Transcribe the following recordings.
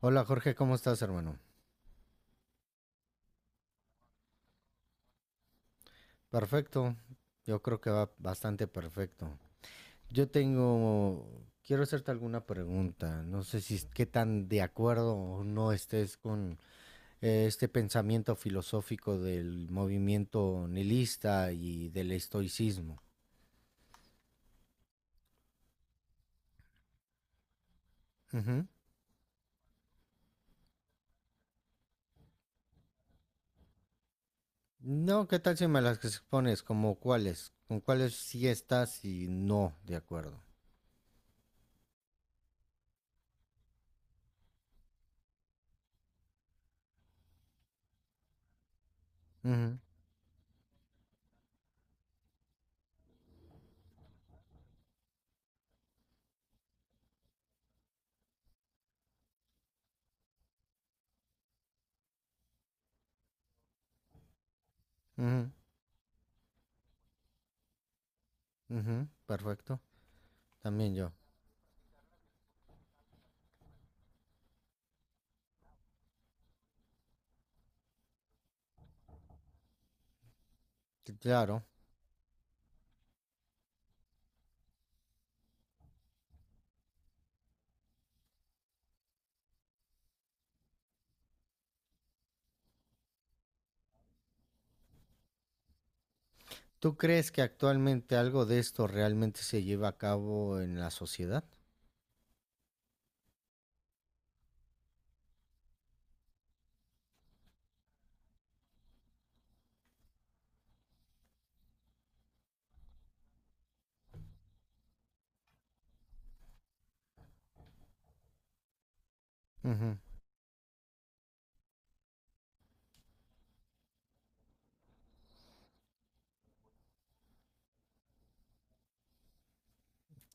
Hola Jorge, ¿cómo estás, hermano? Perfecto. Yo creo que va bastante perfecto. Yo tengo, quiero hacerte alguna pregunta. No sé si es- qué tan de acuerdo o no estés con este pensamiento filosófico del movimiento nihilista y del estoicismo. Ujú. No, ¿qué tal si me las expones? ¿Como cuáles? ¿Con cuáles sí estás y no de acuerdo? Ujú, ujú, ujú, perfecto. También yo. Sí, claro. ¿Tú crees que actualmente algo de esto realmente se lleva a cabo en la sociedad? Ujú,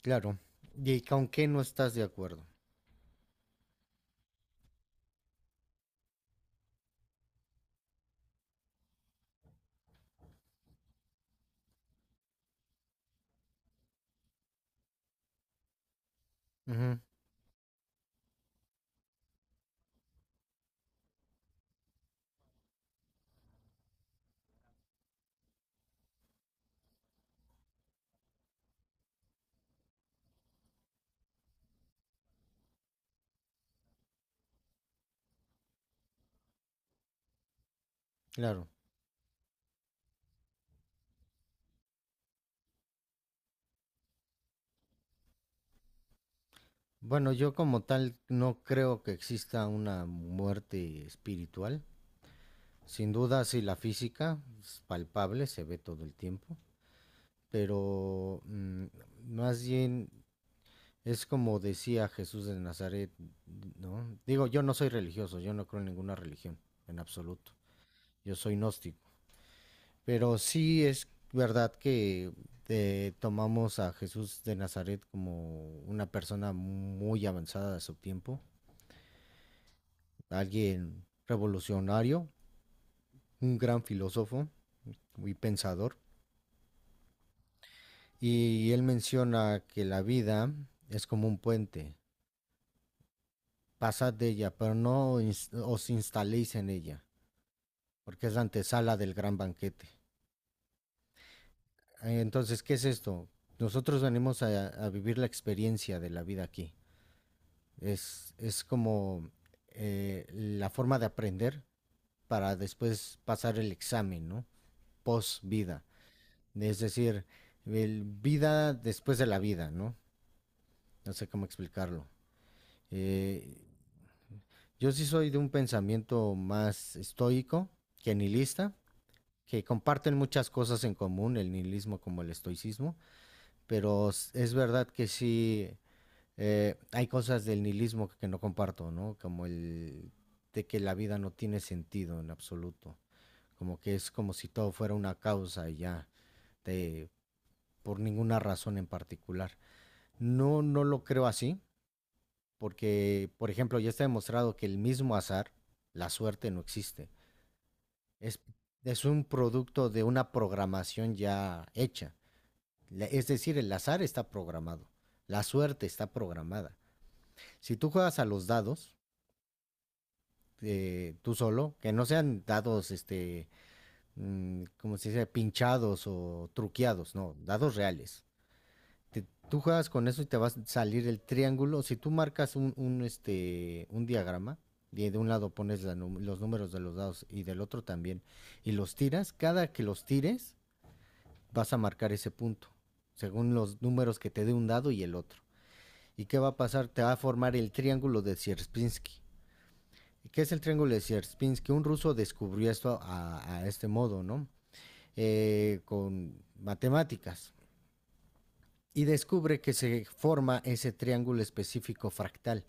claro. ¿Y con qué no estás de acuerdo? Ujú, claro. Bueno, yo como tal no creo que exista una muerte espiritual. Sin duda, sí, la física es palpable, se ve todo el tiempo. Pero más bien es como decía Jesús de Nazaret, ¿no? Digo, yo no soy religioso, yo no creo en ninguna religión, en absoluto. Yo soy gnóstico. Pero sí es verdad que tomamos a Jesús de Nazaret como una persona muy avanzada de su tiempo, alguien revolucionario, un gran filósofo y pensador. Y él menciona que la vida es como un puente, pasad de ella, pero no ins- os instaléis en ella, porque es la antesala del gran banquete. Entonces, ¿qué es esto? Nosotros venimos a vivir la experiencia de la vida aquí. Es como la forma de aprender para después pasar el examen, ¿no? Post vida. Es decir, el vida después de la vida, ¿no? No sé cómo explicarlo. Eh, yo sí soy de un pensamiento más estoico que nihilista, que comparten muchas cosas en común, el nihilismo como el estoicismo, pero es verdad que sí hay cosas del nihilismo que no comparto, ¿no? Como el de que la vida no tiene sentido en absoluto, como que es como si todo fuera una causa y ya, de, por ninguna razón en particular. No, no lo creo así, porque, por ejemplo, ya está demostrado que el mismo azar, la suerte, no existe. Es, es un producto de una programación ya hecha. Es decir, el azar está programado, la suerte está programada. Si tú juegas a los dados, tú solo, que no sean dados, como se dice, pinchados o truqueados, no, dados reales. Tú juegas con eso y te va a salir el triángulo. Si tú marcas un, este, un diagrama, y de un lado pones los números de los dados y del otro también, y los tiras, cada que los tires, vas a marcar ese punto, según los números que te dé un dado y el otro. ¿Y qué va a pasar? Te va a formar el triángulo de Sierpinski. ¿Y qué es el triángulo de Sierpinski? Un ruso descubrió esto a este modo, ¿no? Con matemáticas. Y descubre que se forma ese triángulo específico fractal.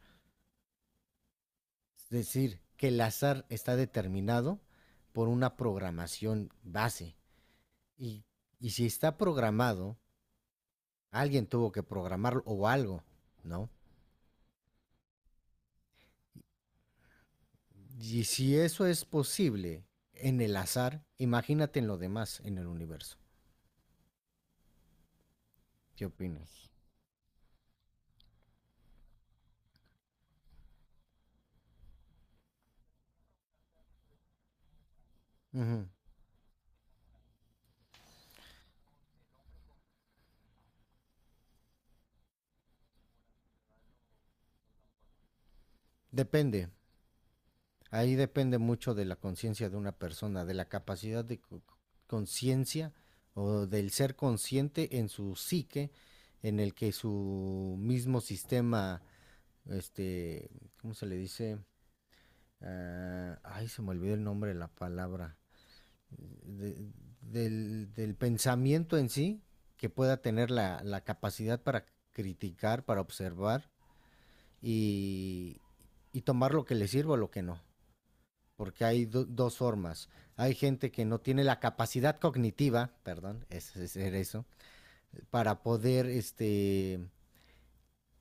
Es decir, que el azar está determinado por una programación base. Y, y si está programado, alguien tuvo que programarlo o algo, ¿no? Y si eso es posible en el azar, imagínate en lo demás, en el universo. ¿Qué opinas? Ujú. Depende. Ahí depende mucho de la conciencia de una persona, de la capacidad conciencia o del ser consciente en su psique, en el que su mismo sistema, este, ¿cómo se le dice? Ah, ay, se me olvidó el nombre de la palabra. De- del, del pensamiento en sí, que pueda tener la, la capacidad para criticar, para observar y, y tomar lo que le sirva o lo que no porque hay dos formas. Hay gente que no tiene la capacidad cognitiva, perdón, eso, para poder este,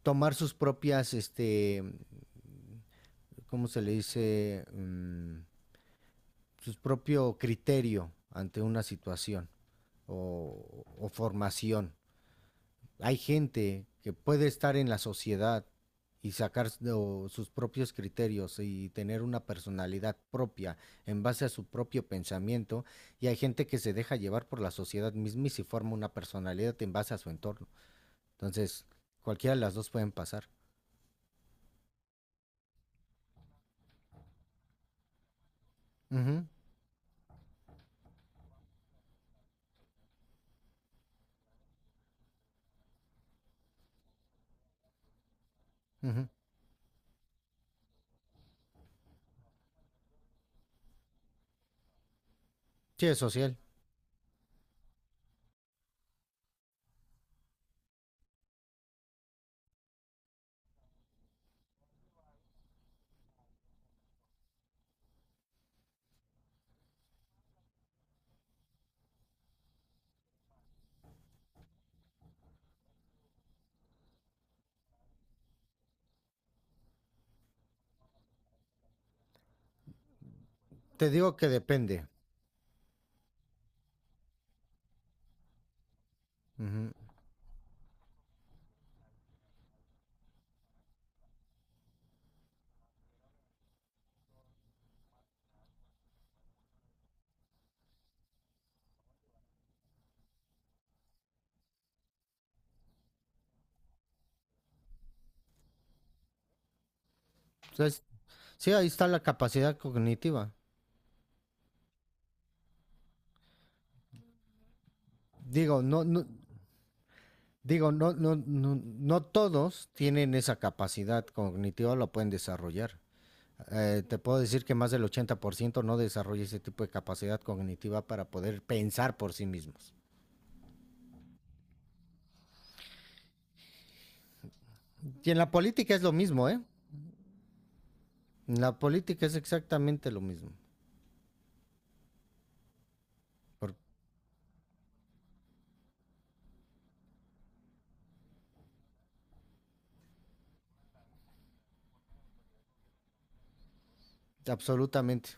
tomar sus propias, este, ¿cómo se le dice? Mm, sus propio criterio ante una situación o formación. Hay gente que puede estar en la sociedad y sacar o, sus propios criterios y tener una personalidad propia en base a su propio pensamiento y hay gente que se deja llevar por la sociedad misma y se forma una personalidad en base a su entorno. Entonces, cualquiera de las dos pueden pasar. Ujú, ujú. Sí, es social. Te digo que depende. Ujú. Entonces, sí, ahí está la capacidad cognitiva. Digo, no, no, Digo, no, no, no, no todos tienen esa capacidad cognitiva, la pueden desarrollar. Te puedo decir que más del 80% no desarrolla ese tipo de capacidad cognitiva para poder pensar por sí mismos. Y en la política es lo mismo, ¿eh? En la política es exactamente lo mismo. Por- absolutamente.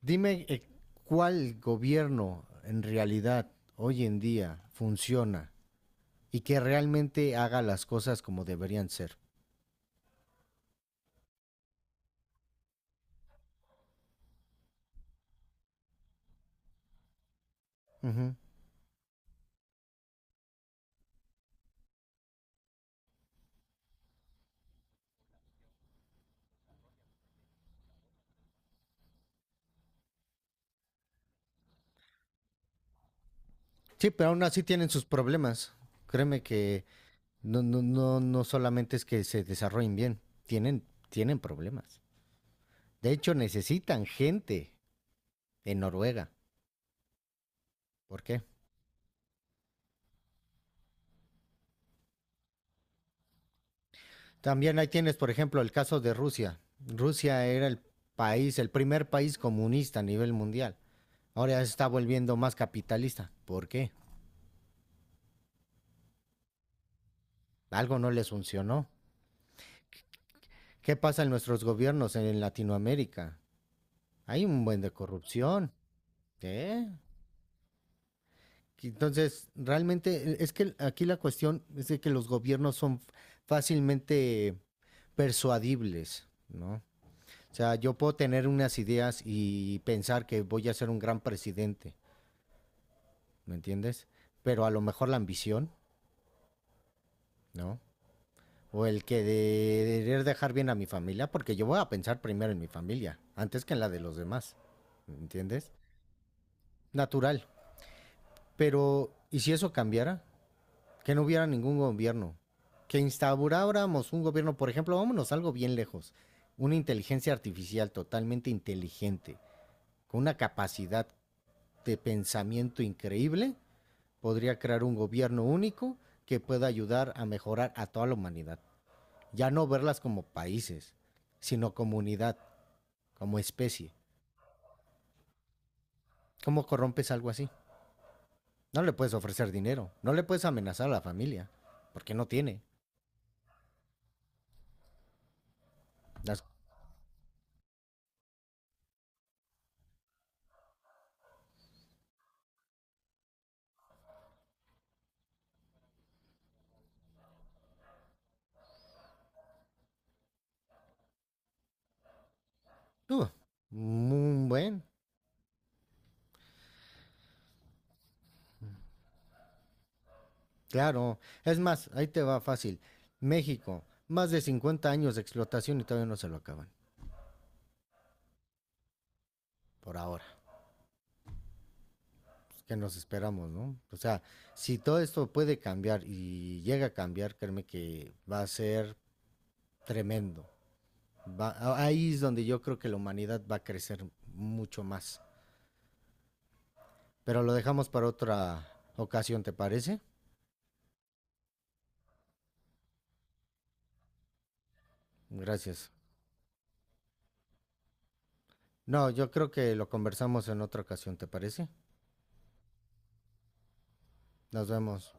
Dime cuál gobierno en realidad hoy en día funciona y que realmente haga las cosas como deberían ser. Ujú. Sí, pero aún así tienen sus problemas. Créeme que no, no, no, no solamente es que se desarrollen bien, tienen, tienen problemas. De hecho, necesitan gente en Noruega. ¿Por qué? También ahí tienes, por ejemplo, el caso de Rusia. Rusia era el país, el primer país comunista a nivel mundial. Ahora ya se está volviendo más capitalista. ¿Por qué? Algo no les funcionó. ¿Qué pasa en nuestros gobiernos en Latinoamérica? Hay un buen de corrupción. ¿Eh? Entonces, realmente es que aquí la cuestión es de que los gobiernos son fácilmente persuadibles, ¿no? O sea, yo puedo tener unas ideas y pensar que voy a ser un gran presidente, ¿me entiendes? Pero a lo mejor la ambición, ¿no? O el que de querer dejar bien a mi familia, porque yo voy a pensar primero en mi familia, antes que en la de los demás, ¿me entiendes? Natural. Pero, ¿y si eso cambiara? Que no hubiera ningún gobierno. Que instauráramos un gobierno, por ejemplo, vámonos algo bien lejos. Una inteligencia artificial totalmente inteligente, con una capacidad de pensamiento increíble, podría crear un gobierno único que pueda ayudar a mejorar a toda la humanidad. Ya no verlas como países, sino como unidad, como especie. ¿Cómo corrompes algo así? No le puedes ofrecer dinero, no le puedes amenazar a la familia, porque no tiene. Las... Uh, un buen, claro, es más, ahí te va fácil. México, más de 50 años de explotación y todavía no se lo acaban, por ahora. Pues, ¿qué nos esperamos, no? O sea, si todo esto puede cambiar y llega a cambiar, créeme que va a ser tremendo. Ahí es donde yo creo que la humanidad va a crecer mucho más. Pero lo dejamos para otra ocasión, ¿te parece? Gracias. No, yo creo que lo conversamos en otra ocasión, ¿te parece? Nos vemos.